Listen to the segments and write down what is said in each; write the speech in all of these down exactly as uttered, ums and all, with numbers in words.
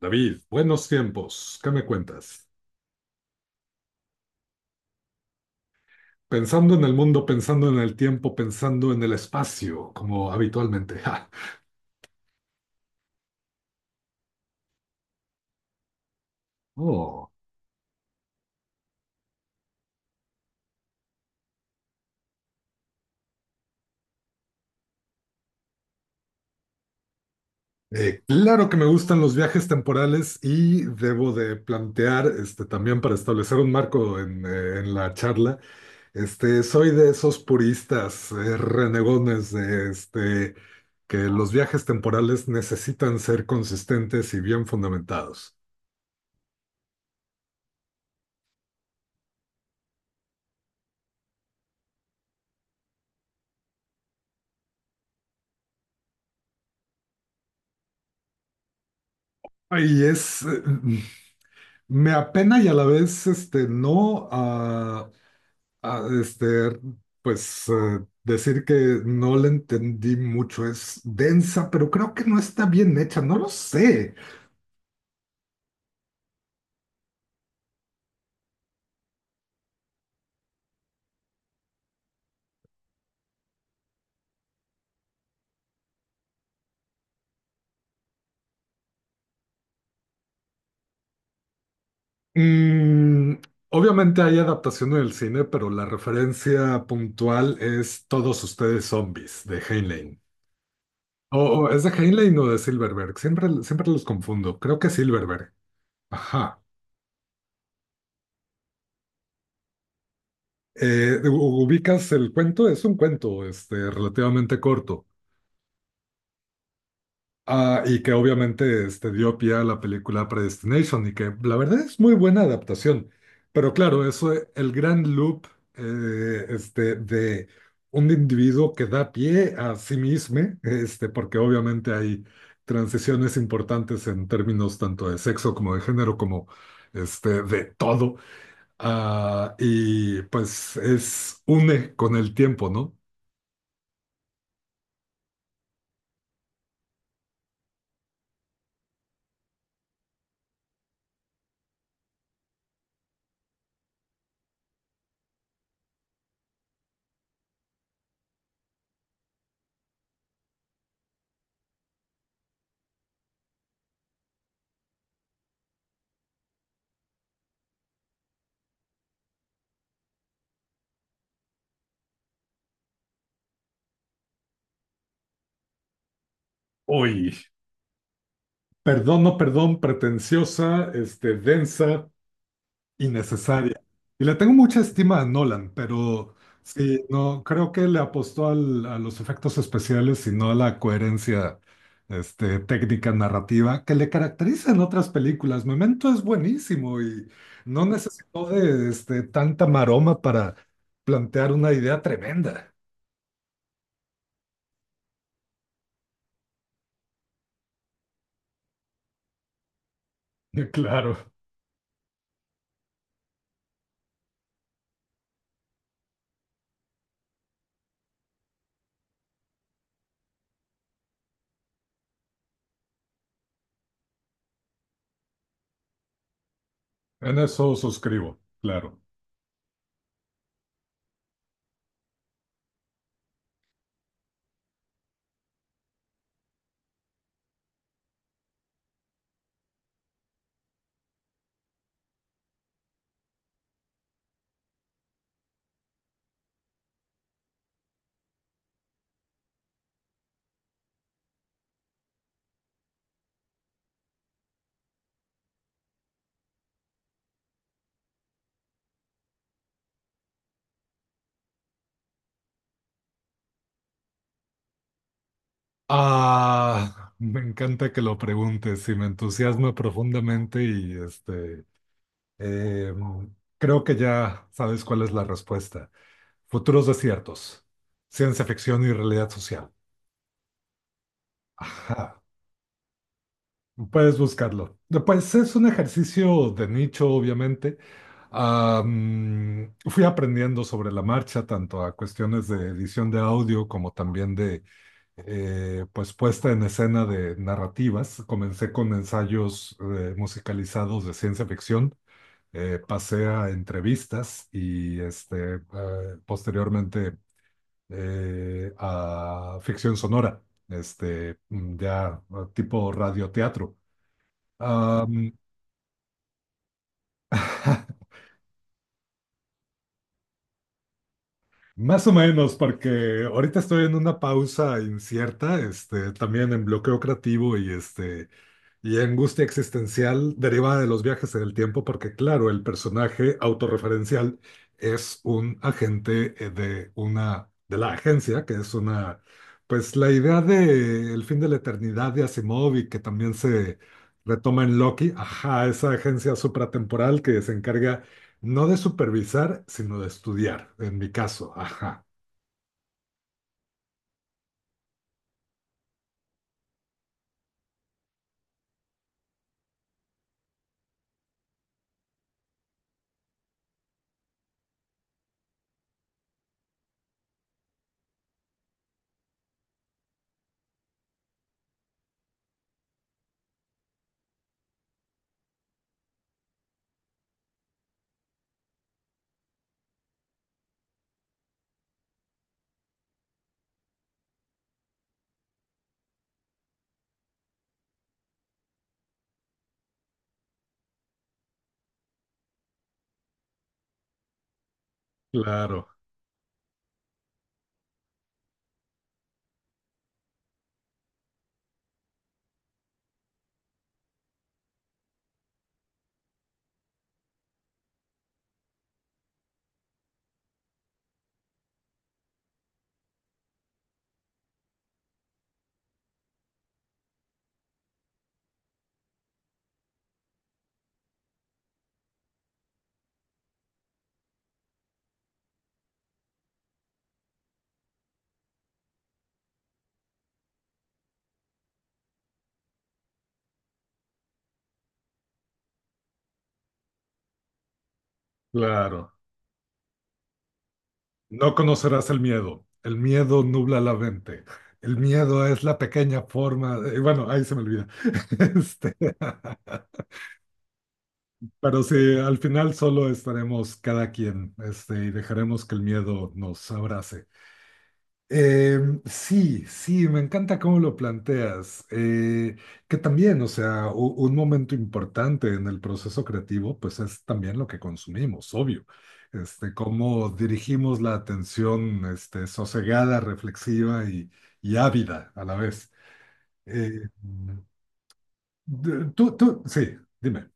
David, buenos tiempos, ¿qué me cuentas? Pensando en el mundo, pensando en el tiempo, pensando en el espacio, como habitualmente. Ja. Oh. Eh, claro que me gustan los viajes temporales y debo de plantear, este, también para establecer un marco en, eh, en la charla, este, soy de esos puristas, eh, renegones de, este, que los viajes temporales necesitan ser consistentes y bien fundamentados. Y es, eh, Me apena y a la vez, este, no, a, a, este, pues eh, decir que no le entendí mucho, es densa, pero creo que no está bien hecha, no lo sé. Mm, obviamente hay adaptación en el cine, pero la referencia puntual es Todos ustedes zombies de Heinlein. O o, es de Heinlein o de Silverberg, siempre, siempre los confundo, creo que Silverberg. Ajá. Eh, u- ubicas el cuento, es un cuento, este, relativamente corto. Ah, y que obviamente este, dio pie a la película Predestination y que la verdad es muy buena adaptación. Pero claro, eso, eh, el gran loop eh, este, de un individuo que da pie a sí mismo, este, porque obviamente hay transiciones importantes en términos tanto de sexo como de género, como este, de todo. Ah, y pues es une con el tiempo, ¿no? Uy, perdón, no perdón, pretenciosa, este, densa. Innecesaria. Y le tengo mucha estima a Nolan, pero sí, no, creo que le apostó al- a los efectos especiales y no a la coherencia, este, técnica narrativa que le caracteriza en otras películas. Memento es buenísimo y no necesitó de, este, tanta maroma para plantear una idea tremenda. Claro, en eso suscribo, claro. Ah, me encanta que lo preguntes y me entusiasma profundamente y este. Eh, Creo que ya sabes cuál es la respuesta. Futuros desiertos, ciencia ficción y realidad social. Ajá, puedes buscarlo. Pues es un ejercicio de nicho, obviamente. Ah, mm, fui aprendiendo sobre la marcha, tanto a cuestiones de edición de audio como también de eh, pues puesta en escena de narrativas. Comencé con ensayos eh, musicalizados de ciencia ficción, eh, pasé a entrevistas y este, eh, posteriormente eh, a ficción sonora, este, mm, ya eh, tipo radioteatro. Am, Más o menos, porque ahorita estoy en una pausa incierta, este, también en bloqueo creativo y este, y angustia existencial derivada de los viajes en el tiempo, porque claro, el personaje autorreferencial es un agente eh, de una de la agencia, que es una, pues la idea de el fin de la eternidad de Asimov y que también se retoma en Loki, ajá, esa agencia supratemporal que se encarga no de supervisar, sino de estudiar, en mi caso, ajá, claro, claro. No conocerás el miedo. El miedo nubla la mente. El miedo es la pequeña forma. de- Bueno, ahí se me olvida. Este, pero sí, al final solo estaremos cada quien, este, y dejaremos que el miedo nos abrace. Em, sí, sí, me encanta cómo lo planteas. Eh, que también, o sea, u- un momento importante en el proceso creativo, pues es también lo que consumimos, obvio. Este, cómo dirigimos la atención, este, sosegada, reflexiva y, y ávida a la vez. Eh, de- tú, tú, sí, dime.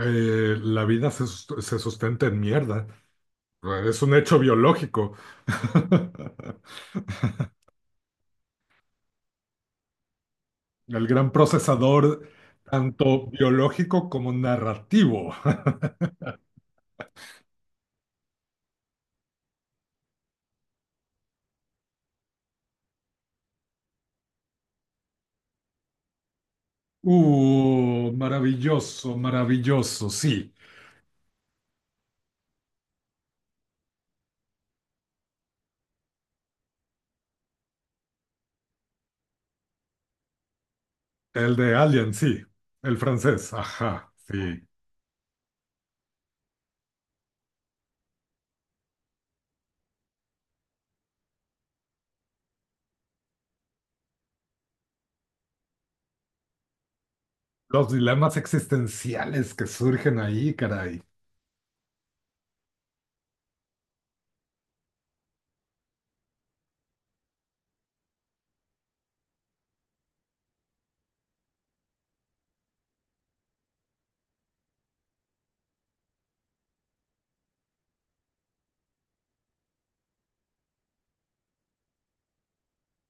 Eh, la vida se, sust- se sustenta en mierda. Es un hecho biológico. El gran procesador, tanto biológico como narrativo. Uh, maravilloso, maravilloso, sí. El de Alien, sí. El francés, ajá, sí. Los dilemas existenciales que surgen ahí, caray.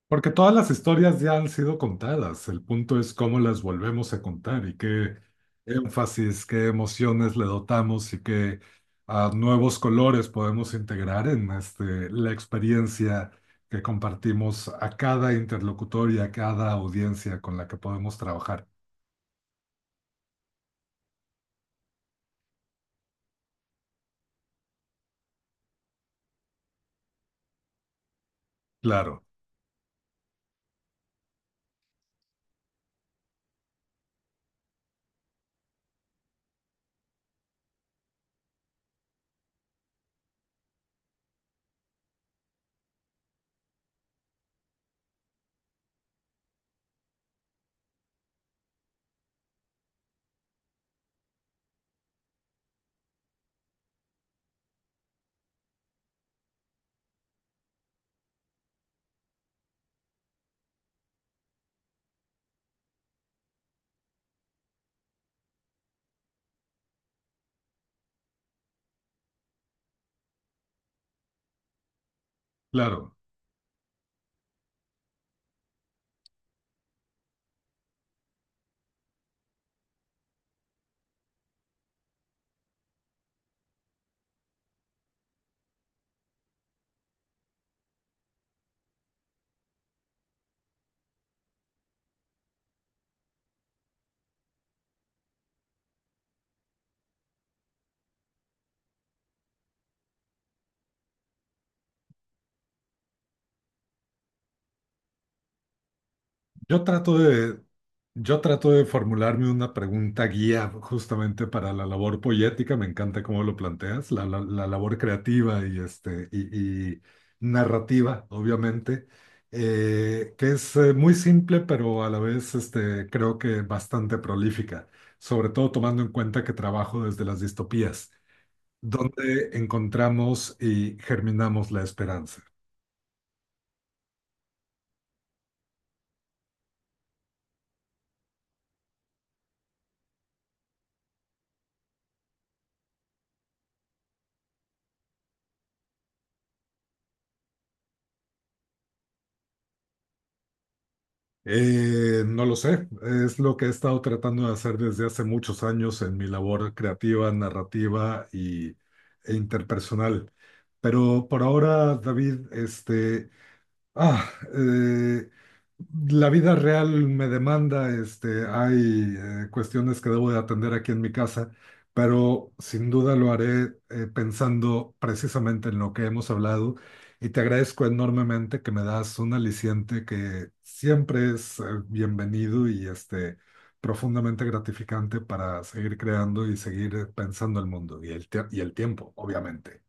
Porque todas las historias ya han sido contadas, el punto es cómo las volvemos a contar y qué énfasis, qué emociones le dotamos y qué ah, nuevos colores podemos integrar en este, la experiencia que compartimos a cada interlocutor y a cada audiencia con la que podemos trabajar. Claro, claro. Yo trato de, yo trato de formularme una pregunta guía justamente para la labor poética. Me encanta cómo lo planteas, la, la- la labor creativa y, este, y, y narrativa, obviamente, eh, que es eh, muy simple, pero a la vez este, creo que bastante prolífica, sobre todo tomando en cuenta que trabajo desde las distopías, donde encontramos y germinamos la esperanza. Eh, no lo sé, es lo que he estado tratando de hacer desde hace muchos años en mi labor creativa, narrativa y, e interpersonal. Pero por ahora, David, este, Ah, eh, la vida real me demanda, este, hay eh, cuestiones que debo de atender aquí en mi casa, pero sin duda lo haré eh, pensando precisamente en lo que hemos hablado y te agradezco enormemente que me das un aliciente que siempre es eh, bienvenido y este, profundamente gratificante para seguir creando y seguir eh, pensando el mundo y el, tie- y el tiempo, obviamente.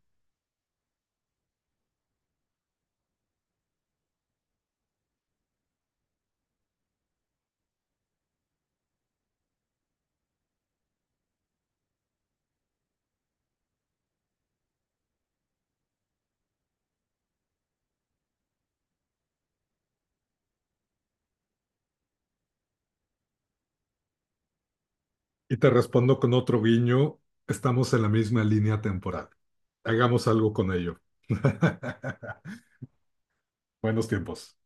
Y te respondo con otro guiño, estamos en la misma línea temporal. Hagamos algo con ello. Buenos tiempos.